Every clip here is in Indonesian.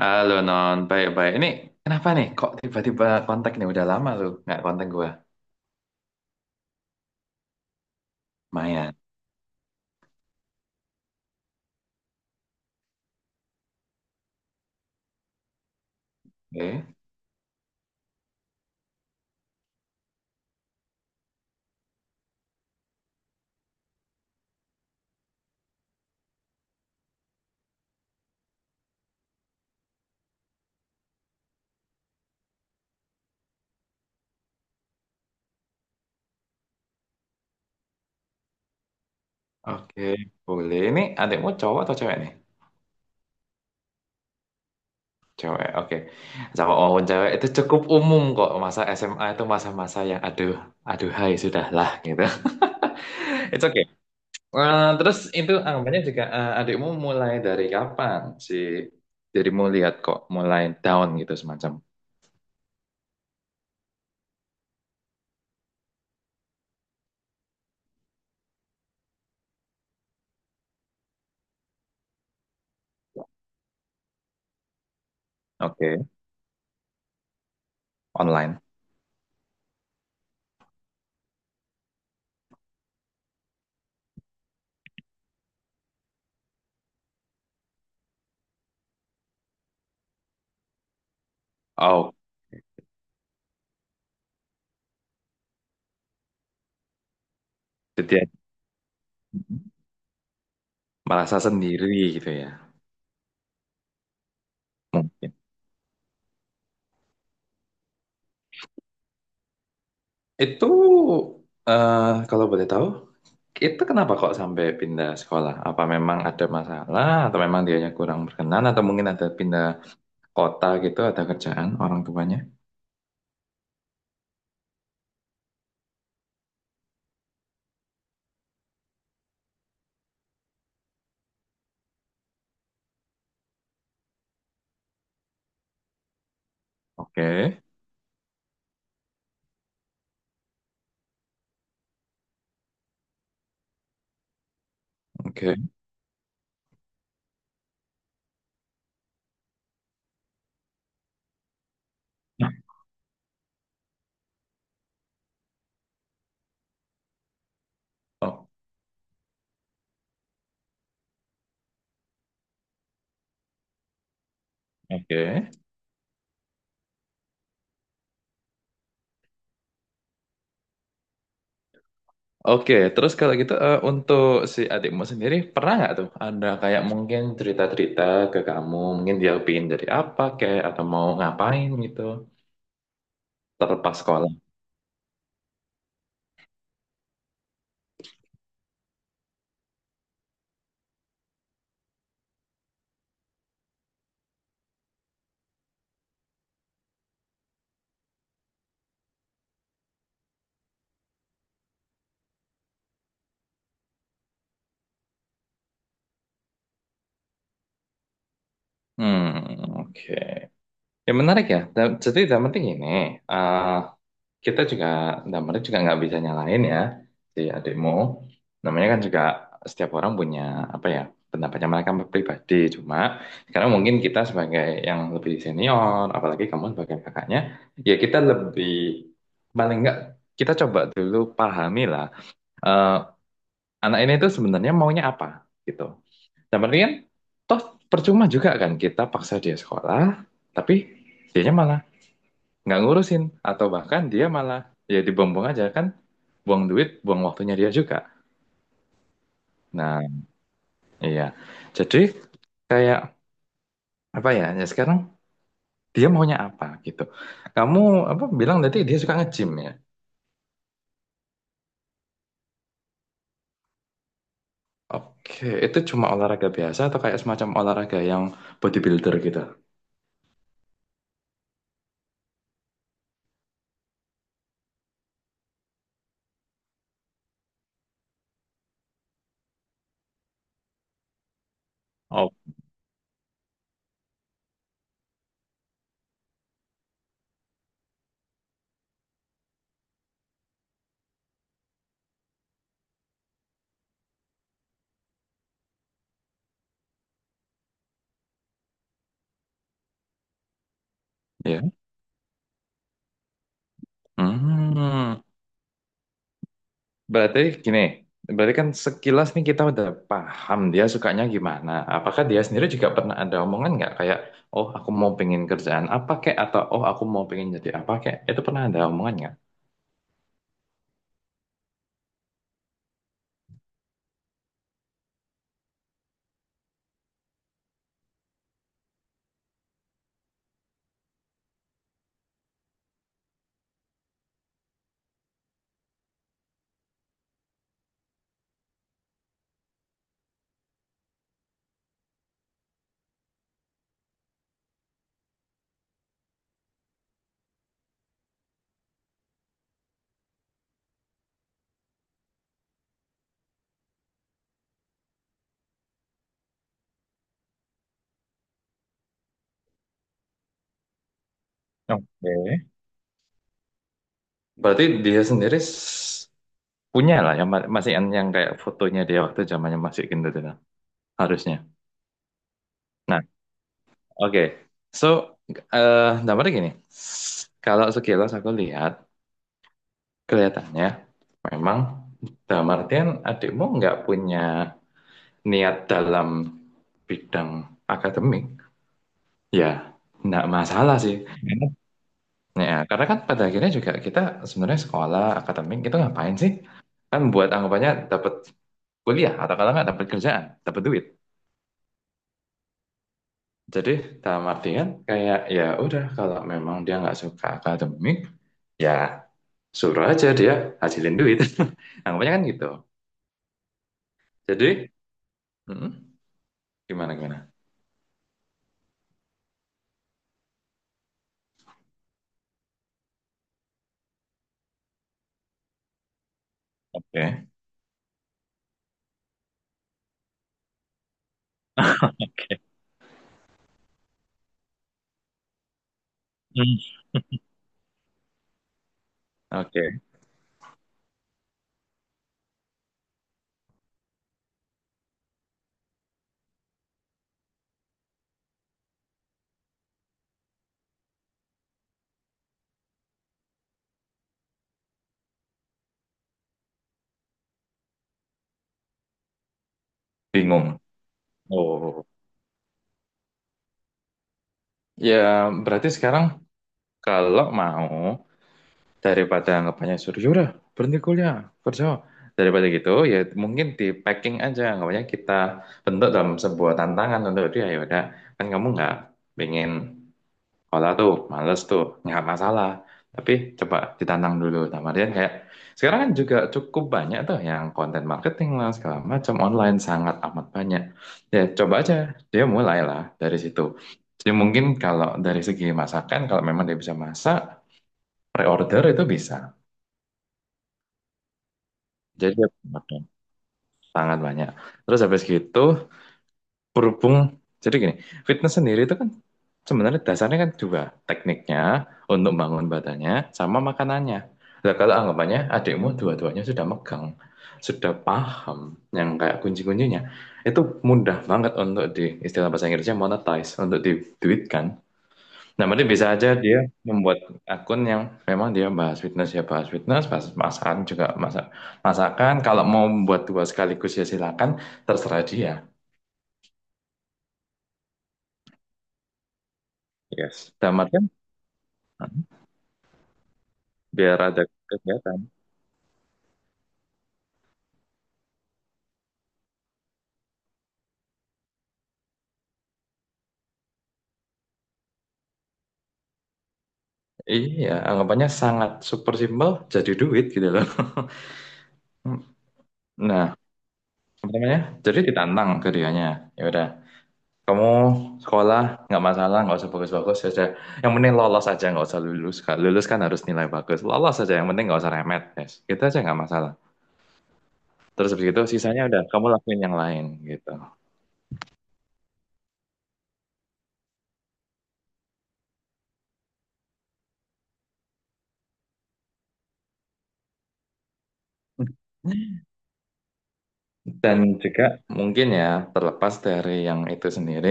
Halo Non, baik-baik. Ini kenapa nih? Kok tiba-tiba kontak nih? Udah lama lu nggak kontak gua. Mayan. Oke, oke, boleh. Ini adikmu cowok atau cewek nih? Cewek, oke. Sama maupun cewek itu cukup umum kok. Masa SMA itu masa-masa yang aduh, aduh hai, sudahlah gitu. It's okay. Terus itu anggapannya juga adikmu mulai dari kapan sih? Jadi mau lihat kok mulai down gitu semacam. Oke. Online. Oh, jadi ya. Hmm. Merasa sendiri gitu ya mungkin itu. eh, Kalau boleh tahu, itu kenapa kok sampai pindah sekolah, apa memang ada masalah atau memang dianya kurang berkenan, atau mungkin ada pindah kota gitu, ada kerjaan orang tuanya. Oke, oke. Oh, oke, oke. Terus kalau gitu, untuk si adikmu sendiri, pernah nggak tuh ada kayak mungkin cerita-cerita ke kamu, mungkin dia pingin dari apa kayak atau mau ngapain gitu terlepas sekolah. Hmm, oke. Ya, menarik ya. Jadi yang penting ini, eh, kita juga, dalam arti juga nggak bisa nyalain ya si adikmu. Namanya kan juga setiap orang punya apa ya pendapatnya mereka pribadi. Cuma sekarang mungkin kita sebagai yang lebih senior, apalagi kamu sebagai kakaknya, ya kita lebih paling nggak kita coba dulu pahami lah, eh, anak ini itu sebenarnya maunya apa gitu. Dan kan toh percuma juga kan kita paksa dia sekolah, tapi dianya malah nggak ngurusin, atau bahkan dia malah ya dibuang-buang aja kan, buang duit, buang waktunya dia juga. Nah, iya. Jadi kayak apa ya? Ya sekarang dia maunya apa gitu. Kamu apa bilang nanti dia suka nge-gym ya? Oke, itu cuma olahraga biasa atau kayak semacam olahraga yang bodybuilder gitu? Oh, ya. Hmm. Berarti gini, berarti kan sekilas nih kita udah paham dia sukanya gimana. Apakah dia sendiri juga pernah ada omongan nggak kayak, oh aku mau pengen kerjaan apa kek, atau oh aku mau pengen jadi apa kek. Itu pernah ada omongan nggak? Oke. Berarti dia sendiri punya lah yang masih yang, kayak fotonya dia waktu zamannya masih gitu harusnya. Nah, oke. So, dampaknya gini. S- Kalau sekilas aku lihat kelihatannya memang dalam artian adikmu nggak punya niat dalam bidang akademik, ya nggak masalah sih. Ya, karena kan pada akhirnya juga kita sebenarnya sekolah akademik itu ngapain sih? Kan buat anggapannya dapat kuliah, atau kalau nggak dapat kerjaan, dapat duit. Jadi dalam artian kayak ya udah, kalau memang dia nggak suka akademik, ya suruh aja dia hasilin duit. Anggapannya kan gitu. Jadi hmm, gimana gimana? Oke. Hmm. Oke, okay. Bingung. Oh, ya, berarti sekarang. Kalau mau, daripada anggapannya suruh, yaudah berhenti kuliah, kerja. Daripada gitu, ya mungkin di packing aja. Anggapannya kita bentuk dalam sebuah tantangan untuk dia, yaudah. Kan kamu nggak pengen olah tuh, males tuh, nggak masalah. Tapi coba ditantang dulu. Sama dia kayak, sekarang kan juga cukup banyak tuh yang konten marketing lah, segala macam online sangat amat banyak. Ya coba aja, dia mulailah dari situ. Jadi mungkin kalau dari segi masakan, kalau memang dia bisa masak, pre-order itu bisa. Jadi dia pakai sangat banyak. Terus habis gitu, berhubung jadi gini, fitness sendiri itu kan sebenarnya dasarnya kan dua, tekniknya untuk bangun badannya sama makanannya. Nah, kalau anggapannya adikmu dua-duanya sudah megang, sudah paham yang kayak kunci-kuncinya, itu mudah banget untuk di istilah bahasa Inggrisnya monetize, untuk diduitkan. Nah, berarti bisa aja dia membuat akun yang memang dia bahas fitness ya bahas fitness, bahas masakan juga masak masakan. Kalau mau membuat dua sekaligus ya silakan, terserah dia. Yes. Dalam artian biar ada kegiatan. Iya, anggapannya sangat super simple jadi duit gitu loh. Nah, apa namanya? Jadi ditantang ke dianya. Ya udah. Kamu sekolah nggak masalah, nggak usah bagus-bagus saja. Yang penting lolos aja, nggak usah lulus. Kan lulus kan harus nilai bagus. Lolos aja, yang penting nggak usah remet tes. Gitu aja nggak masalah. Terus habis itu sisanya udah kamu lakuin yang lain gitu. Dan juga mungkin ya terlepas dari yang itu sendiri,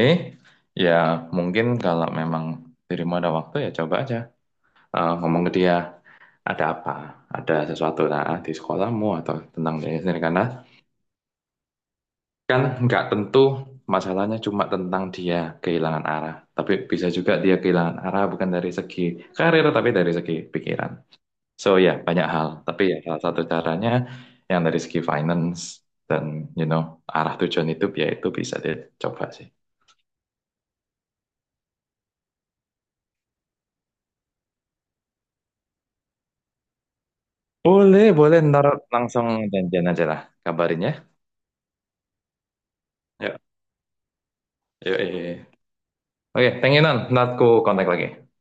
ya mungkin kalau memang dirimu ada waktu ya coba aja. Ngomong ke dia ada apa, ada sesuatu lah di sekolahmu atau tentang diri sendiri, karena kan nggak tentu masalahnya cuma tentang dia kehilangan arah. Tapi bisa juga dia kehilangan arah bukan dari segi karir, tapi dari segi pikiran. So ya, banyak hal. Tapi ya salah satu caranya yang dari segi finance dan you know arah tujuan hidup ya, itu bisa dicoba sih. Boleh, boleh. Ntar langsung janjian aja lah, kabarin ya. Yuk, yuk, yuk, yuk. Oke, thank you, Nan. Ntar ku kontak lagi.